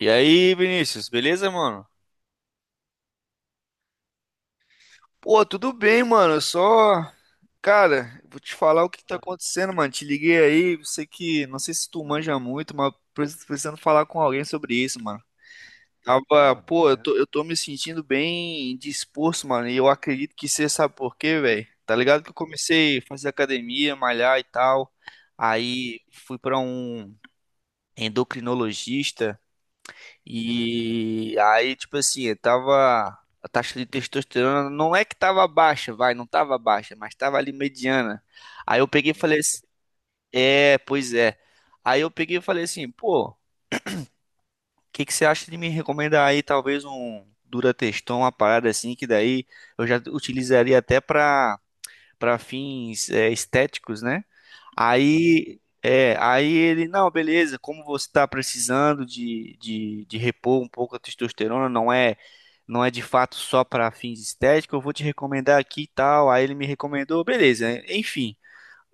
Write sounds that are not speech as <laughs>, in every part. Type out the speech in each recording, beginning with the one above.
E aí, Vinícius, beleza, mano? Pô, tudo bem, mano. Cara, vou te falar o que tá acontecendo, mano. Te liguei aí, sei que, não sei se tu manja muito, mas precisando falar com alguém sobre isso, mano. Tava, pô, eu tô me sentindo bem disposto, mano. E eu acredito que você sabe por quê, velho. Tá ligado que eu comecei a fazer academia, malhar e tal. Aí fui pra um endocrinologista. E aí, tipo assim, tava. A taxa de testosterona não é que tava baixa, vai, não tava baixa, mas tava ali mediana. Aí eu peguei e falei assim, é, pois é. Aí eu peguei e falei assim, pô, o que que você acha de me recomendar aí talvez um Durateston, uma parada assim, que daí eu já utilizaria até pra para fins, estéticos, né? Aí ele, não, beleza, como você está precisando de repor um pouco a testosterona, não é de fato só para fins estéticos, eu vou te recomendar aqui e tal. Aí ele me recomendou, beleza, enfim.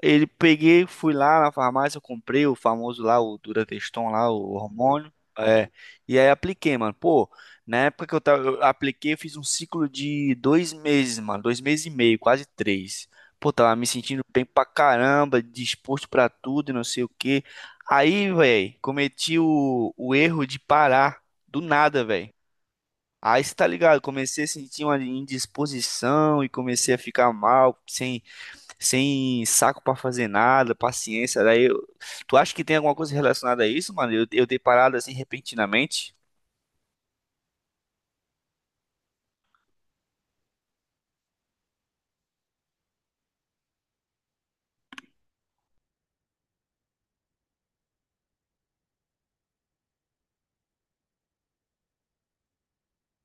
Ele peguei, fui lá na farmácia, eu comprei o famoso lá, o Durateston lá, o hormônio. É, e aí apliquei, mano. Pô, na época que eu tava, eu apliquei, eu fiz um ciclo de 2 meses, mano. 2 meses e meio, quase três. Pô, tava me sentindo bem pra caramba, disposto pra tudo e não sei o quê. Aí, velho, cometi o erro de parar do nada, velho. Aí você tá ligado, comecei a sentir uma indisposição e comecei a ficar mal, sem saco pra fazer nada, paciência. Daí, tu acha que tem alguma coisa relacionada a isso, mano? Eu ter parado assim repentinamente?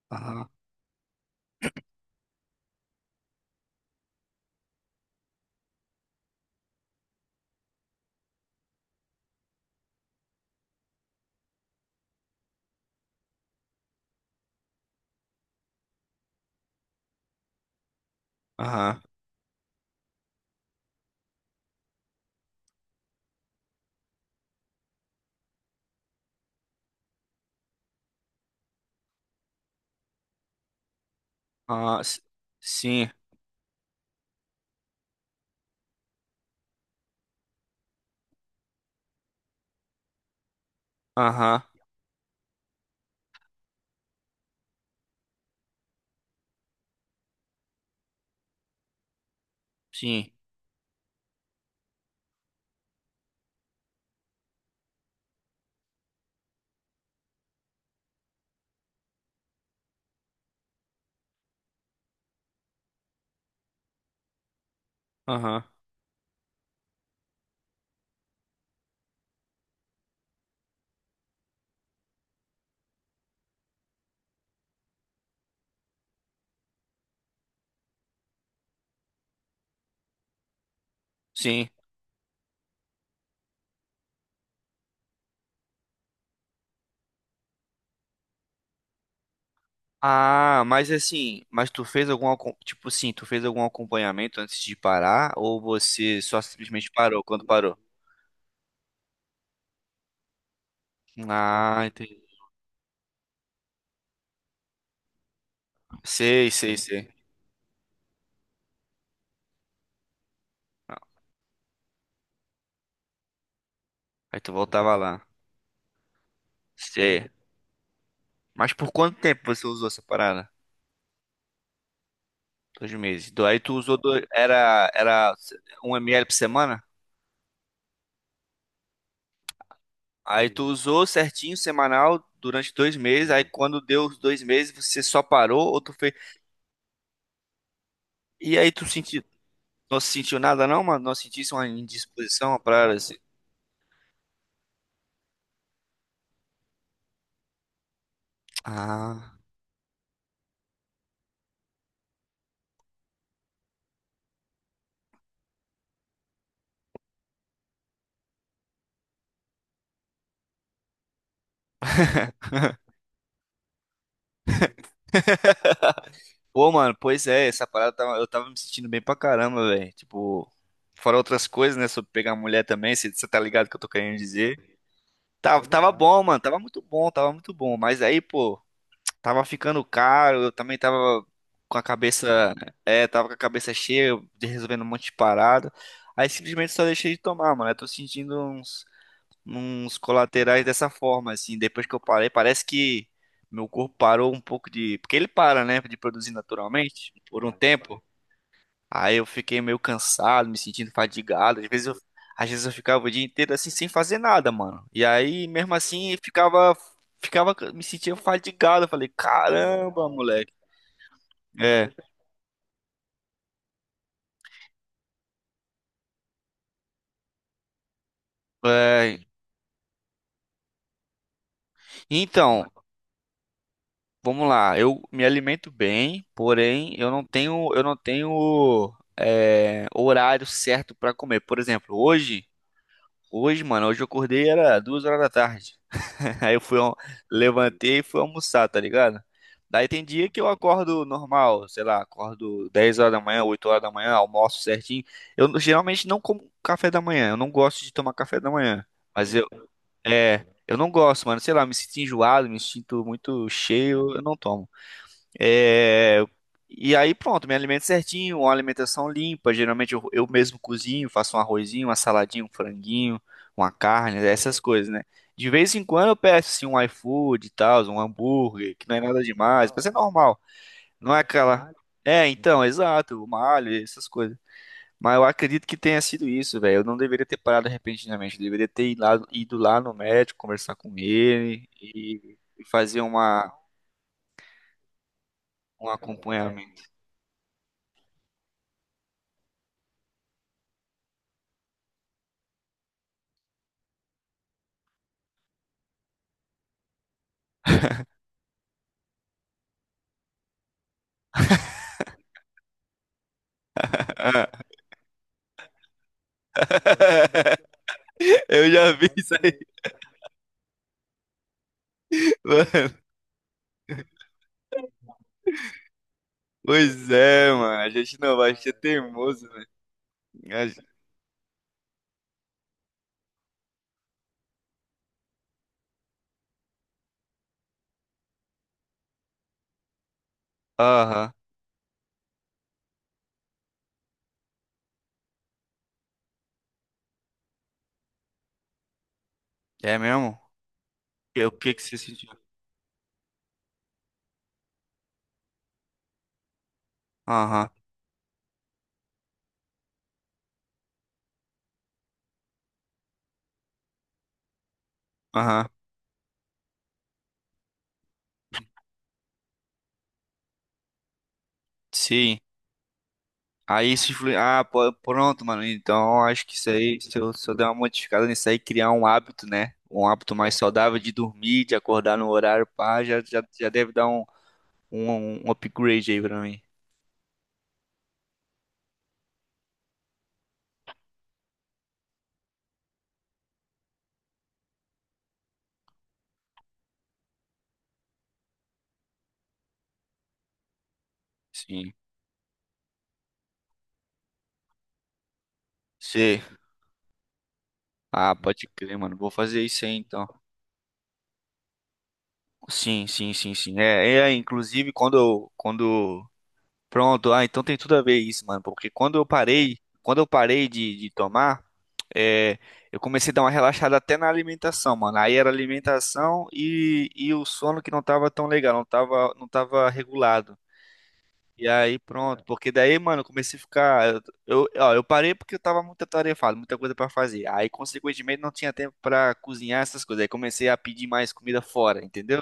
Aham, aham, aham, sim, aham, sim, aham, sim. Ah, mas assim, mas tu fez algum, tipo assim, tu fez algum acompanhamento antes de parar ou você só simplesmente parou quando parou? Ah, entendi. Sei, sei, sei. Aí tu voltava lá. Sei. Mas por quanto tempo você usou essa parada? 2 meses. Aí tu usou dois, era 1 ml por semana? Aí tu usou certinho, semanal, durante 2 meses. Aí quando deu os 2 meses, você só parou ou tu fez. E aí tu sentiu, não sentiu nada não, mano? Não sentisse uma indisposição, uma parada assim? Ah. Pô, mano, pois é, essa parada eu tava me sentindo bem pra caramba, velho. Tipo, fora outras coisas, né? Sobre pegar mulher também, você tá ligado que eu tô querendo dizer. Tava bom, mano, tava muito bom, tava muito bom. Mas aí, pô. Tava ficando caro, eu também com a cabeça, tava com a cabeça cheia, de resolvendo um monte de parada. Aí simplesmente só deixei de tomar, mano. Eu tô sentindo uns colaterais dessa forma, assim. Depois que eu parei, parece que meu corpo parou um pouco de. Porque ele para, né? De produzir naturalmente por um tempo. Aí eu fiquei meio cansado, me sentindo fadigado. Às vezes eu ficava o dia inteiro assim sem fazer nada, mano. E aí mesmo assim eu ficava me sentia fadigado. Eu falei, caramba, moleque. É, é. Então, vamos lá. Eu me alimento bem, porém eu não tenho horário certo pra comer. Por exemplo, mano, hoje eu acordei era 2 horas da tarde. <laughs> Aí eu fui, levantei e fui almoçar, tá ligado? Daí tem dia que eu acordo normal, sei lá, acordo 10 horas da manhã, 8 horas da manhã, almoço certinho. Geralmente não como café da manhã, eu não gosto de tomar café da manhã. Mas eu não gosto, mano, sei lá, me sinto enjoado, me sinto muito cheio, eu não tomo. É. E aí pronto, me alimento certinho, uma alimentação limpa. Geralmente eu mesmo cozinho, faço um arrozinho, uma saladinha, um franguinho, uma carne, essas coisas, né? De vez em quando eu peço assim, um iFood e tal, um hambúrguer, que não é nada demais, mas é normal. Não é aquela. É, então, exato, uma alho, essas coisas. Mas eu acredito que tenha sido isso, velho. Eu não deveria ter parado repentinamente. Eu deveria ter ido lá no médico, conversar com ele e fazer uma, um acompanhamento. <laughs> <laughs> Eu já vi isso aí, mano. Pois é, mano. A gente não vai ser teimoso, velho. A gen- Aham. É mesmo? E o que que você sentiu? Aham. Aham. Sim. Aí isso influi. Ah, pô, pronto, mano. Então acho que isso aí, se eu der uma modificada nisso aí, criar um hábito, né? Um hábito mais saudável de dormir, de acordar no horário, pá, já deve dar um, upgrade aí pra mim. Sim. Sim. Ah, pode crer, mano. Vou fazer isso aí então. Sim, sim, sim, sim. É, é, inclusive quando eu, quando pronto, ah, então tem tudo a ver isso, mano, porque quando eu parei de tomar, é, eu comecei a dar uma relaxada até na alimentação, mano. Aí era alimentação e o sono que não tava tão legal, não tava regulado. E aí pronto, porque daí, mano, eu comecei a ficar, ó, eu parei porque eu tava muito atarefado, muita coisa pra fazer. Aí, consequentemente, não tinha tempo pra cozinhar essas coisas. Aí comecei a pedir mais comida fora, entendeu?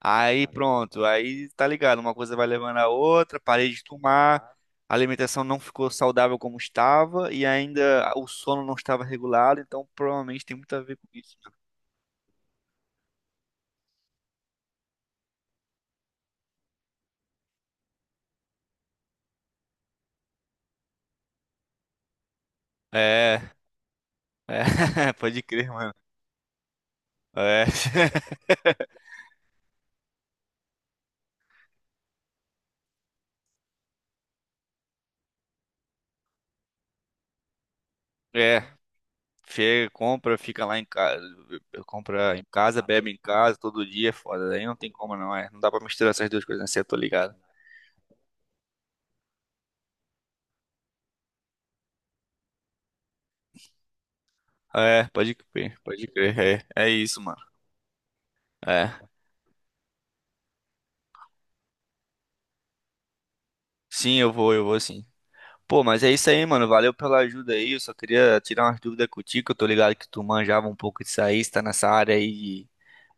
Aí pronto, aí tá ligado, uma coisa vai levando a outra, parei de tomar, a alimentação não ficou saudável como estava e ainda o sono não estava regulado, então provavelmente tem muito a ver com isso. É, é, <laughs> pode crer, mano. É, <laughs> é, chega, compra, fica lá em casa, compra em casa, bebe em casa todo dia, é foda, aí não tem como não, não dá pra misturar essas duas coisas, né? Cê, eu tô ligado. É, pode crer, é, é isso, mano. É, sim, eu vou sim. Pô, mas é isso aí, mano. Valeu pela ajuda aí. Eu só queria tirar umas dúvidas contigo. Que eu tô ligado que tu manjava um pouco disso aí, você tá nessa área aí de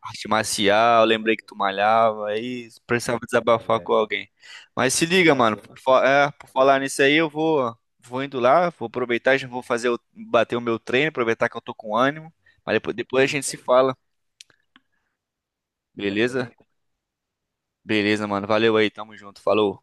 arte marcial. Eu lembrei que tu malhava aí, precisava desabafar é, com alguém. Mas se liga, tá mano. Por falar nisso aí, eu vou indo lá, vou aproveitar, já vou fazer bater o meu treino, aproveitar que eu tô com ânimo. Mas depois a gente se fala, beleza? Beleza, mano. Valeu aí, tamo junto. Falou.